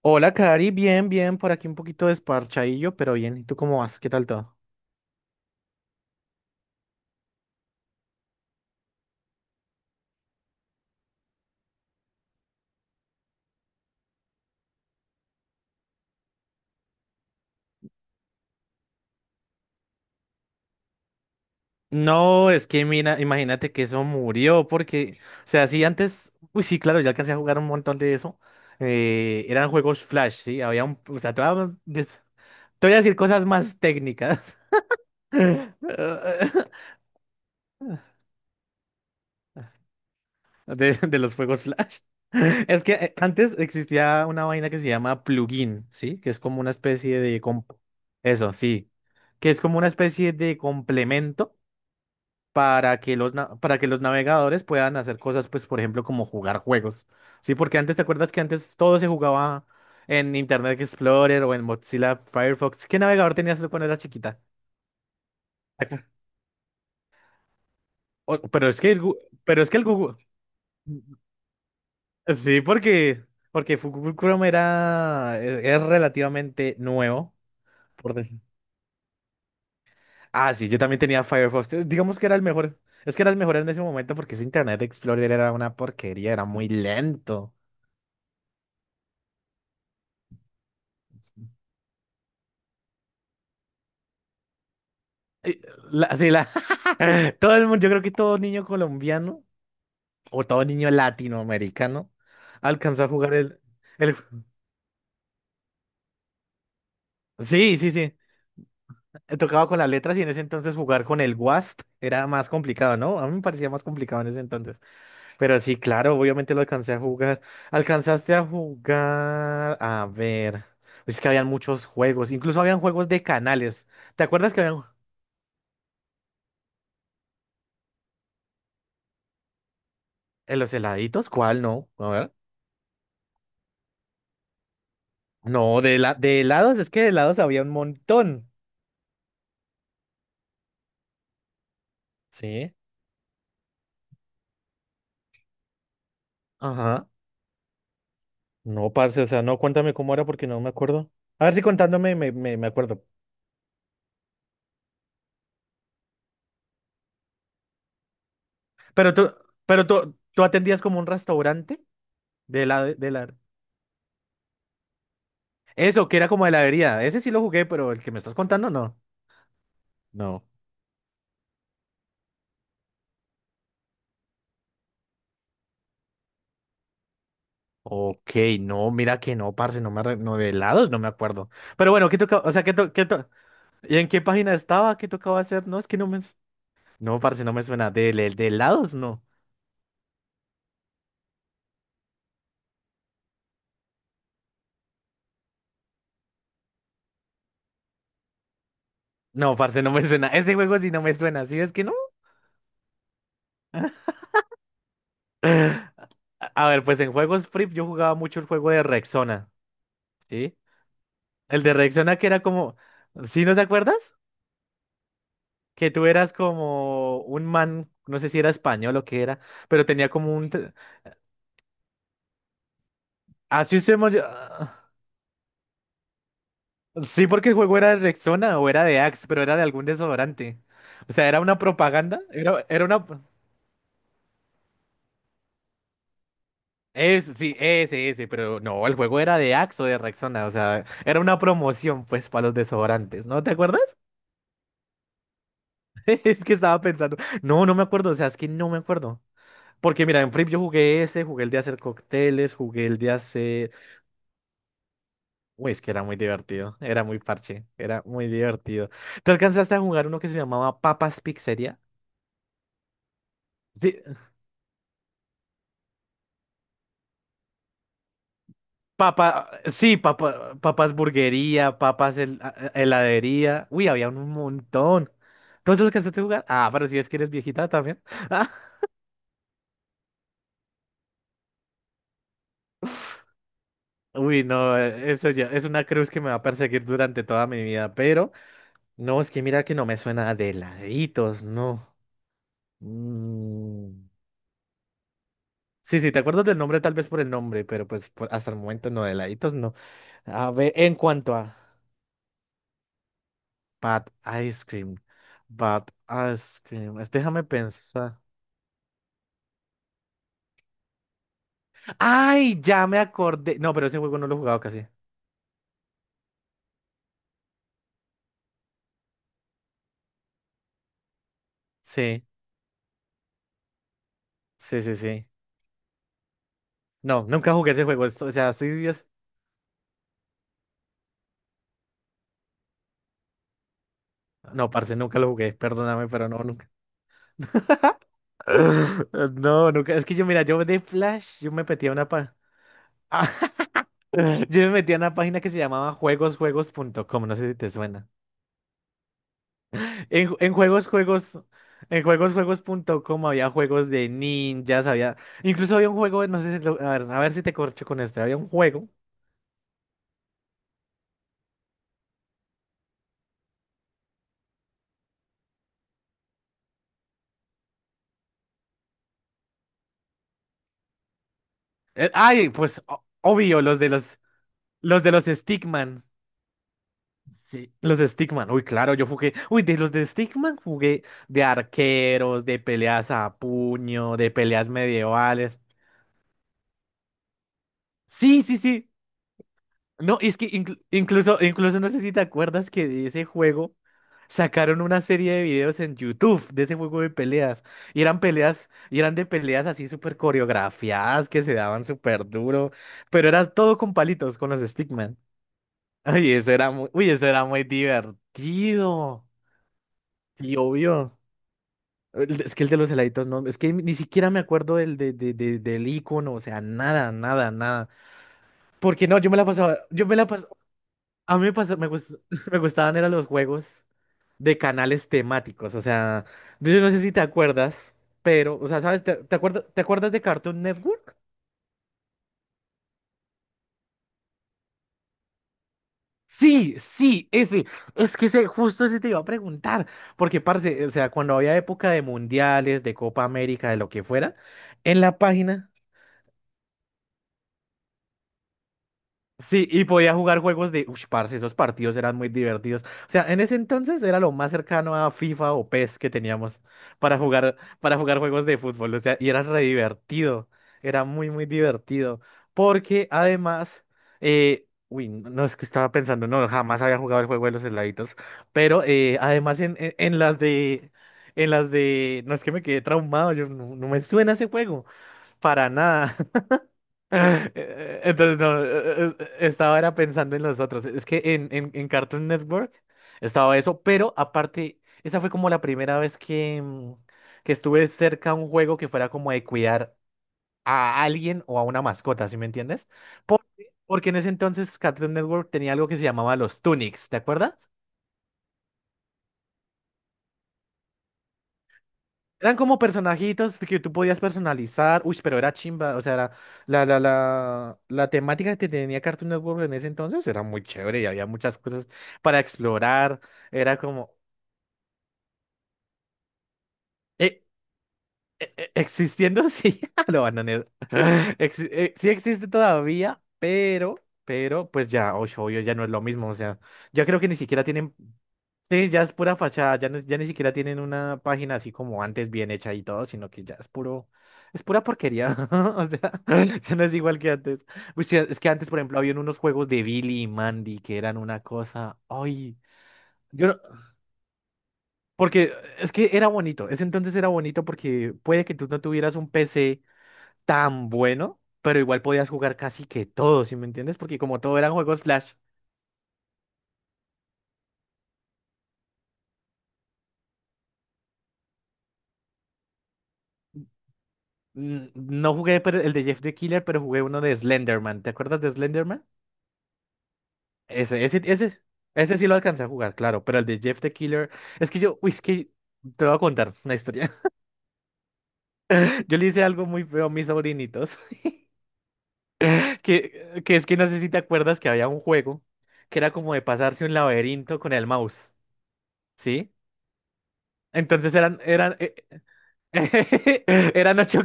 Hola, Cari, bien, bien, por aquí un poquito desparchadillo, pero bien. ¿Y tú cómo vas? ¿Qué tal todo? No, es que mira, imagínate que eso murió, porque, o sea, sí, antes, uy, sí, claro, yo alcancé a jugar un montón de eso. Eran juegos Flash, sí, había un, o sea, te voy a decir cosas más técnicas. De los fuegos flash. Es que antes existía una vaina que se llama plugin, ¿sí? Que es como una especie de... com- Eso, sí. Que es como una especie de complemento para que para que los navegadores puedan hacer cosas, pues, por ejemplo, como jugar juegos, ¿sí? Porque antes, ¿te acuerdas que antes todo se jugaba en Internet Explorer o en Mozilla Firefox? ¿Qué navegador tenías tú cuando eras chiquita? Acá. O- pero es que el, Gu- pero es que el Google... Sí, porque, porque Google Chrome era, es relativamente nuevo. Por decir- Ah, sí, yo también tenía Firefox. Digamos que era el mejor. Es que era el mejor en ese momento porque ese Internet Explorer era una porquería, era muy lento. Eh, La, sí, la, todo el mundo, yo creo que todo niño colombiano o todo niño latinoamericano alcanzó a jugar el... Sí, sí, sí. Tocaba con las letras y en ese entonces jugar con el WASD era más complicado, ¿no? A mí me parecía más complicado en ese entonces. Pero sí, claro, obviamente lo alcancé a jugar. Alcanzaste a jugar. A ver. Es que habían muchos juegos. Incluso habían juegos de canales. ¿Te acuerdas que habían en los heladitos? ¿Cuál no? A ver. No, de, la... de helados, es que de helados había un montón. Sí. Ajá. No, parce, o sea, no, cuéntame cómo era porque no me acuerdo. A ver si contándome me acuerdo. Pero tú, pero tú, tú atendías como un restaurante de la... Eso, que era como heladería. Ese sí lo jugué, pero el que me estás contando, no. No. Ok, no, mira que no, parce, no de helados, no me acuerdo. Pero bueno, ¿qué tocaba? O sea, ¿Y en qué página estaba? ¿Qué tocaba hacer? No, es que no me. No, parce, no me suena. De helados? No. No, parce, no me suena. Ese juego sí no me suena, ¿sí? Es que no. A ver, pues en juegos free yo jugaba mucho el juego de Rexona, ¿sí? El de Rexona que era como. ¿Sí no te acuerdas? Que tú eras como un man, no sé si era español o qué era, pero tenía como un. Así se llama. Sí, porque el juego era de Rexona o era de Axe, pero era de algún desodorante. O sea, era una propaganda, era una... Es, sí, ese, pero no, el juego era de Axe o de Rexona, o sea, era una promoción, pues, para los desodorantes, ¿no? ¿Te acuerdas? Es que estaba pensando, no, no me acuerdo, o sea, es que no me acuerdo. Porque mira, en Flip yo jugué ese, jugué el de hacer cócteles, jugué el de hacer... Uy, es que era muy divertido, era muy parche, era muy divertido. ¿Te alcanzaste a jugar uno que se llamaba Papas Pizzería? Sí, sí, papa, papas burguería, heladería. Uy, había un montón. ¿Todos los que has jugar? Ah, pero si es que eres viejita también. Uy, no, eso ya es una cruz que me va a perseguir durante toda mi vida, pero no, es que mira que no me suena de heladitos no. Mm. Sí, sí, te acuerdas del nombre tal vez por el nombre, pero hasta el momento no, de laditos no. A ver, en cuanto a Bad Ice Cream, Bad déjame pensar. Ay, ya me acordé. No, pero ese juego no lo he jugado casi. Sí, sí, sí, sí. No, nunca jugué ese juego. O sea, no, parce, nunca lo jugué. Perdóname, pero no, nunca. No, nunca. Es que yo, mira, yo de Flash, yo me metí a una pa... Yo me metí a una página que se llamaba juegosjuegos.com. No sé si te suena. En, ju- en juegos, juegos... En juegosjuegos.com había juegos de ninjas, había... Incluso había un juego, no sé, si lo- a ver si te corcho con este. Había un juego... Ay, pues, obvio, los de los... Los de los Stickman. Sí. Los Stickman. Uy, claro, yo jugué. Uy, de los de Stickman jugué de arqueros, de peleas a puño, de peleas medievales. Sí, sí, sí. No, es que incluso, incluso no sé si te acuerdas que de ese juego sacaron una serie de videos en YouTube de ese juego de peleas. Y eran peleas, y eran de peleas así súper coreografiadas que se daban súper duro. Pero era todo con palitos, con los Stickman. Ay, eso era muy, uy, eso era muy divertido. Y obvio. Es que el de los heladitos no. Es que ni siquiera me acuerdo del, del icono. O sea, nada, nada, nada. Porque no, yo me la pasaba. Yo me la pasaba. A mí me pasó, me gustaban eran los juegos de canales temáticos. O sea, yo no sé si te acuerdas, pero, o sea, ¿sabes? Te acuerdas de Cartoon Network? Sí, sí, ese. Es que ese, justo ese te iba a preguntar. Porque, parce, o sea, cuando había época de mundiales, de Copa América, de lo que fuera, en la página. Sí, y podía jugar juegos de... Ush, parce, esos partidos eran muy divertidos. O sea, en ese entonces era lo más cercano a FIFA o PES que teníamos para jugar juegos de fútbol. O sea, y era re divertido. Era muy, muy divertido. Porque además... Uy, no no, es que estaba pensando, no, jamás había jugado el juego de los heladitos. Pero además en las de... En las de... No es que me quedé traumado, yo no, no me suena ese juego. Para nada. Entonces, no, estaba era pensando en los otros. Es que en Cartoon Network estaba eso, pero aparte, esa fue como la primera vez que, que estuve cerca a un juego que fuera como de cuidar a alguien o a una mascota, ¿sí me entiendes? Porque, porque en ese entonces Cartoon Network tenía algo que se llamaba los Tunics, ¿te acuerdas? Eran como personajitos que tú podías personalizar. Uy, pero era chimba. O sea, era- la temática que tenía Cartoon Network en ese entonces era muy chévere y había muchas cosas para explorar. Era como. eh, Existiendo, sí, lo bananearon. Sí existe todavía, pero, pues ya, oye, obvio, ya no es lo mismo. O sea, ya creo que ni siquiera tienen, sí, ya es pura fachada, ya, ya ni siquiera tienen una página así como antes bien hecha y todo, sino que ya es puro, es pura porquería. O sea, ya no es igual que antes. Pues sí, es que antes, por ejemplo, había unos juegos de Billy y Mandy que eran una cosa, ay. Yo no- porque es que era bonito, ese entonces era bonito porque puede que tú no tuvieras un P C tan bueno, pero igual podías jugar casi que todo, ¿sí me entiendes? Porque como todo eran juegos Flash, no jugué pero el de Jeff the Killer, pero jugué uno de Slenderman. ¿Te acuerdas de Slenderman? Ese, ese sí lo alcancé a jugar, claro, pero el de Jeff the Killer, es que yo, uy, es que te voy a contar una historia. Yo le hice algo muy feo a mis sobrinitos, que es que no sé si te acuerdas que había un juego que era como de pasarse un laberinto con el mouse, ¿sí? Entonces eran 8,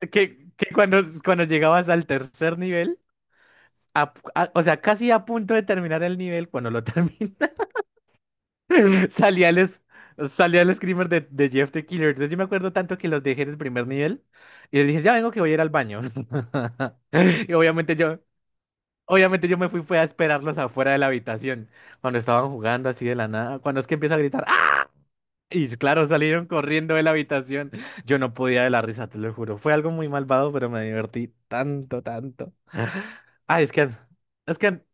que cuando, cuando llegabas al tercer nivel, o sea, casi a punto de terminar el nivel, cuando lo terminas, salía el, es- salía el screamer de Jeff the Killer. Entonces yo me acuerdo tanto que los dejé en el primer nivel y les dije, ya vengo que voy a ir al baño. Y obviamente yo me fui, fue a esperarlos afuera de la habitación, cuando estaban jugando así de la nada, cuando es que empieza a gritar, ¡ah! Y claro, salieron corriendo de la habitación. Yo no podía de la risa, te lo juro. Fue algo muy malvado, pero me divertí tanto, tanto. Ah, es que, an- es que, an-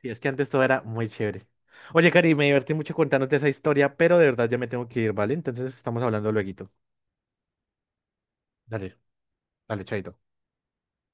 sí, es que antes todo era muy chévere. Oye, Cari, me divertí mucho contándote esa historia, pero de verdad ya me tengo que ir, ¿vale? Entonces estamos hablando lueguito. Dale, dale, chaito.